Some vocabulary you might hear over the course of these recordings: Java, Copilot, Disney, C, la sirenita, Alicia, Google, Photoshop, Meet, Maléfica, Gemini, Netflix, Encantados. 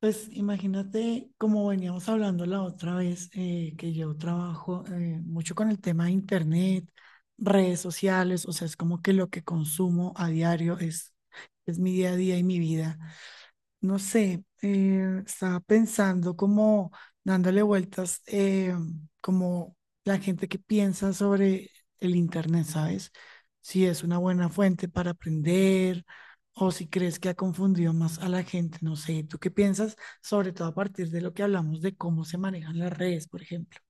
Pues imagínate, como veníamos hablando la otra vez, que yo trabajo mucho con el tema de internet, redes sociales, o sea, es como que lo que consumo a diario es mi día a día y mi vida. No sé, estaba pensando como dándole vueltas, como la gente que piensa sobre el Internet, ¿sabes? Si es una buena fuente para aprender, o si crees que ha confundido más a la gente, no sé, ¿tú qué piensas? Sobre todo a partir de lo que hablamos de cómo se manejan las redes, por ejemplo.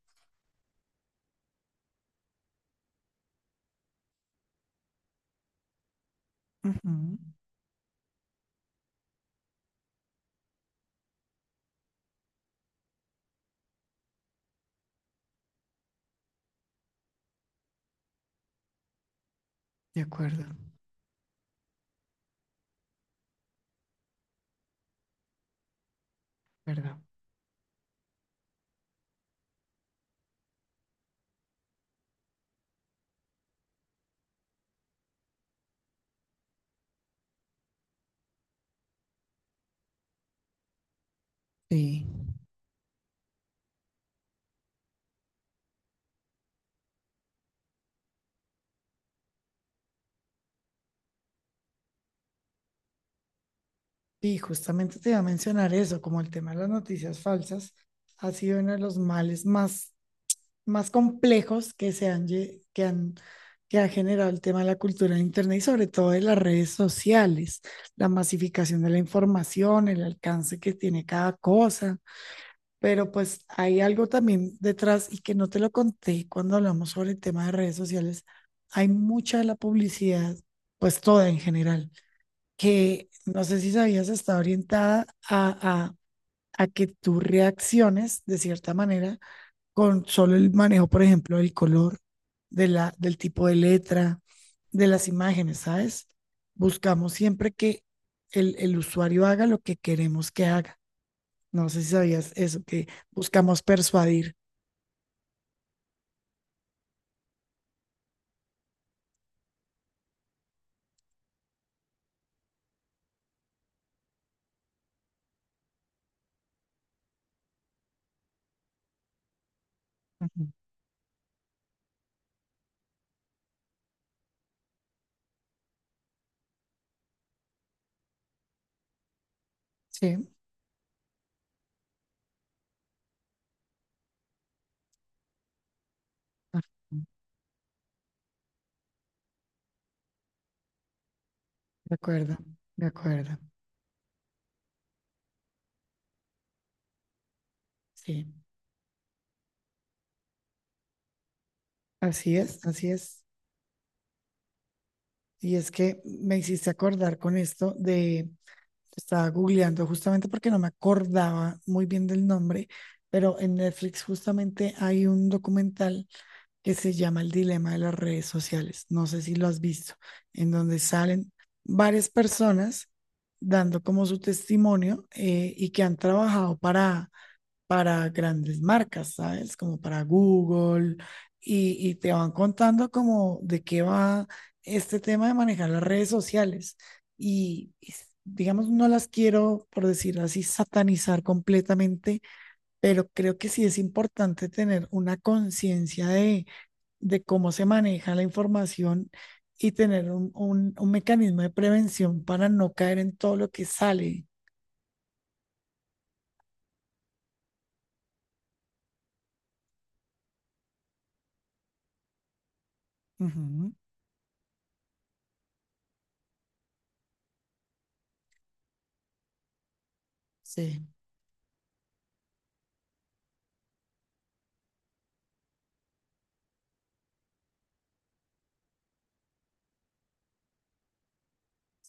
Ujú. De acuerdo. ¿Verdad? Sí. Y justamente te iba a mencionar eso, como el tema de las noticias falsas ha sido uno de los males más más complejos que se han, que ha generado el tema de la cultura de Internet y sobre todo de las redes sociales, la masificación de la información, el alcance que tiene cada cosa. Pero pues hay algo también detrás y que no te lo conté cuando hablamos sobre el tema de redes sociales. Hay mucha de la publicidad, pues toda en general, que no sé si sabías, está orientada a que tú reacciones de cierta manera con solo el manejo, por ejemplo, del color, del tipo de letra, de las imágenes, ¿sabes? Buscamos siempre que el usuario haga lo que queremos que haga. No sé si sabías eso, que buscamos persuadir. Ujú. Sí, ajá, de acuerdo, de acuerdo. Sí, así es, así es. Y es que me hiciste acordar con esto de, estaba googleando justamente porque no me acordaba muy bien del nombre, pero en Netflix justamente hay un documental que se llama El dilema de las redes sociales. No sé si lo has visto, en donde salen varias personas dando como su testimonio y que han trabajado para grandes marcas, ¿sabes? Como para Google, y te van contando como de qué va este tema de manejar las redes sociales. Y, digamos, no las quiero, por decirlo así, satanizar completamente, pero creo que sí es importante tener una conciencia de cómo se maneja la información y tener un mecanismo de prevención para no caer en todo lo que sale. Ujú. Sí,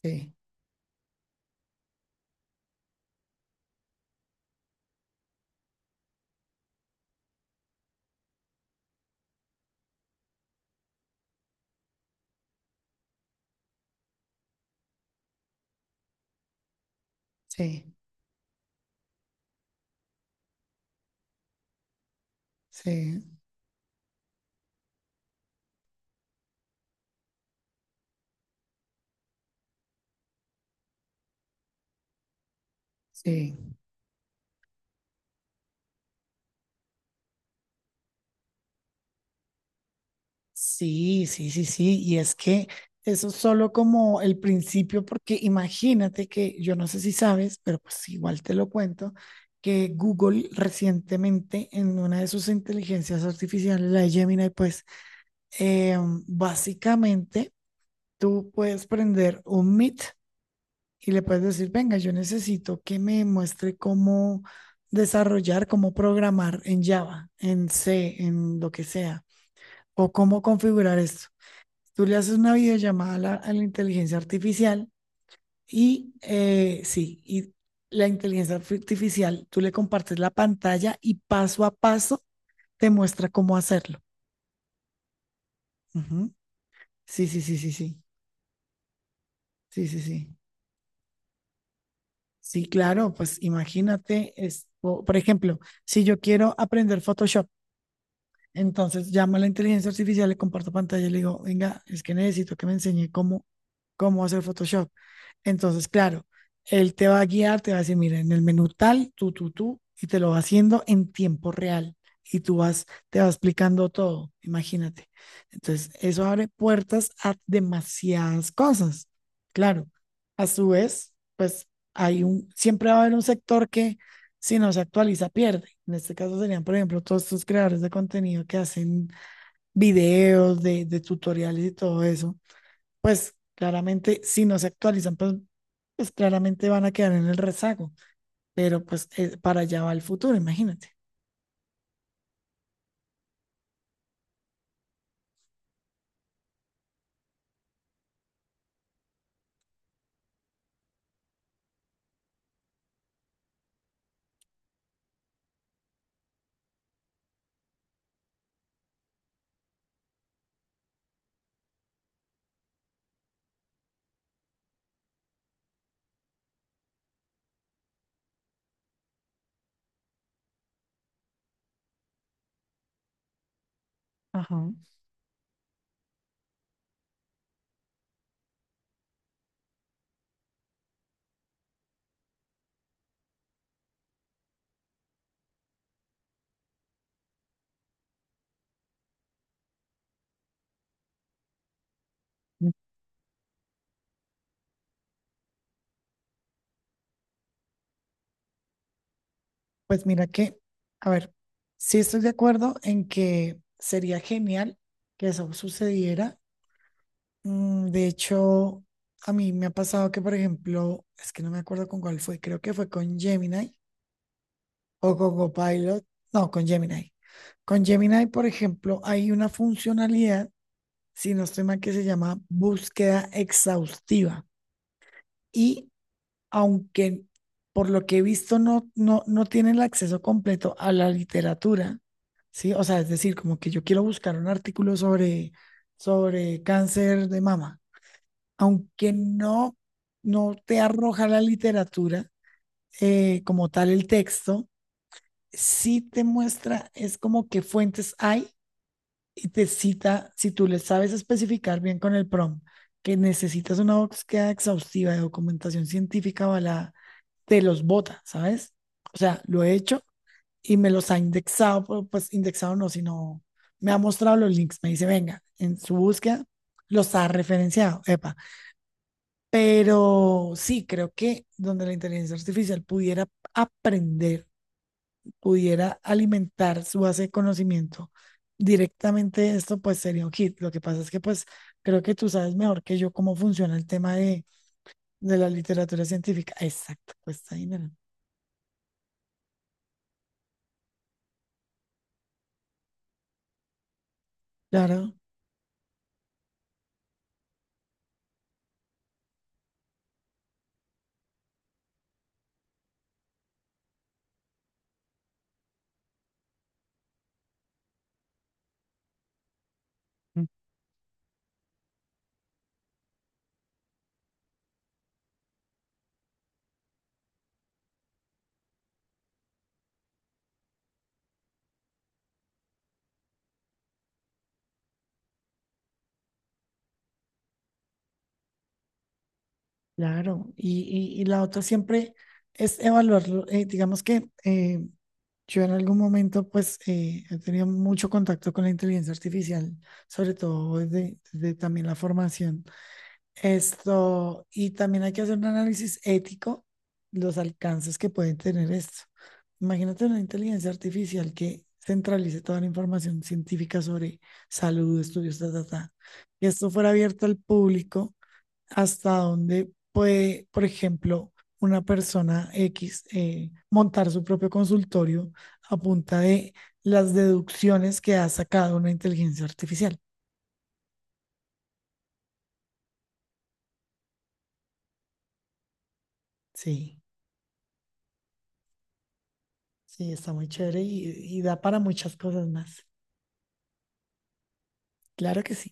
sí, sí, sí. Sí, sí, sí, sí, sí. Y es que eso es solo como el principio, porque imagínate que yo no sé si sabes, pero pues igual te lo cuento, que Google recientemente en una de sus inteligencias artificiales, la de Gemini, pues eh, básicamente tú puedes prender un Meet y le puedes decir, venga, yo necesito que me muestre cómo desarrollar, cómo programar en Java, en C, en lo que sea, o cómo configurar esto. Tú le haces una videollamada a a la inteligencia artificial y sí, y la inteligencia artificial, tú le compartes la pantalla y paso a paso te muestra cómo hacerlo. Ujú. Sí, sí, sí, sí, sí, sí, sí, sí. Sí, claro, pues imagínate, por ejemplo, si yo quiero aprender Photoshop. Entonces llamo a la inteligencia artificial, le comparto pantalla y le digo, venga, es que necesito que me enseñe cómo, cómo hacer Photoshop. Entonces, claro, él te va a guiar, te va a decir, mira, en el menú tal, tú, y te lo va haciendo en tiempo real. Y tú vas, te va explicando todo, imagínate. Entonces, eso abre puertas a demasiadas cosas. Claro, a su vez, pues hay un, siempre va a haber un sector que si no se actualiza, pierde. En este caso serían, por ejemplo, todos estos creadores de contenido que hacen videos de tutoriales y todo eso. Pues claramente, si no se actualizan, pues, pues claramente van a quedar en el rezago. Pero pues para allá va el futuro, imagínate. Ajá. Pues mira que, a ver, sí estoy de acuerdo en que sería genial que eso sucediera. Mm, de hecho, a mí me ha pasado que, por ejemplo, es que no me acuerdo con cuál fue, creo que fue con Gemini, o con Copilot, no, con Gemini. Con Gemini, por ejemplo, hay una funcionalidad, si no estoy mal, que se llama búsqueda exhaustiva. Y aunque por lo que he visto no tiene el acceso completo a la literatura, ¿sí? O sea, es decir, como que yo quiero buscar un artículo sobre, sobre cáncer de mama. Aunque no, no te arroja la literatura como tal el texto, sí te muestra, es como que fuentes hay y te cita, si tú le sabes especificar bien con el prompt que necesitas una búsqueda exhaustiva de documentación científica avalada, te los bota, ¿sabes? O sea, lo he hecho y me los ha indexado, pero, pues indexado no, sino me ha mostrado los links, me dice, venga, en su búsqueda los ha referenciado, epa. Pero sí, creo que donde la inteligencia artificial pudiera aprender pudiera alimentar su base de conocimiento directamente de esto, pues sería un hit. Lo que pasa es que pues creo que tú sabes mejor que yo cómo funciona el tema de la literatura científica. Exacto, cuesta dinero. Claro, claro. Y la otra siempre es evaluarlo. Digamos que yo en algún momento pues he tenido mucho contacto con la inteligencia artificial, sobre todo desde, desde también la formación. Esto, y también hay que hacer un análisis ético, los alcances que puede tener esto. Imagínate una inteligencia artificial que centralice toda la información científica sobre salud, estudios, ta, ta, ta. Y esto fuera abierto al público, hasta donde puede, por ejemplo, una persona X montar su propio consultorio a punta de las deducciones que ha sacado una inteligencia artificial. Sí. Sí, está muy chévere y da para muchas cosas más. Claro que sí.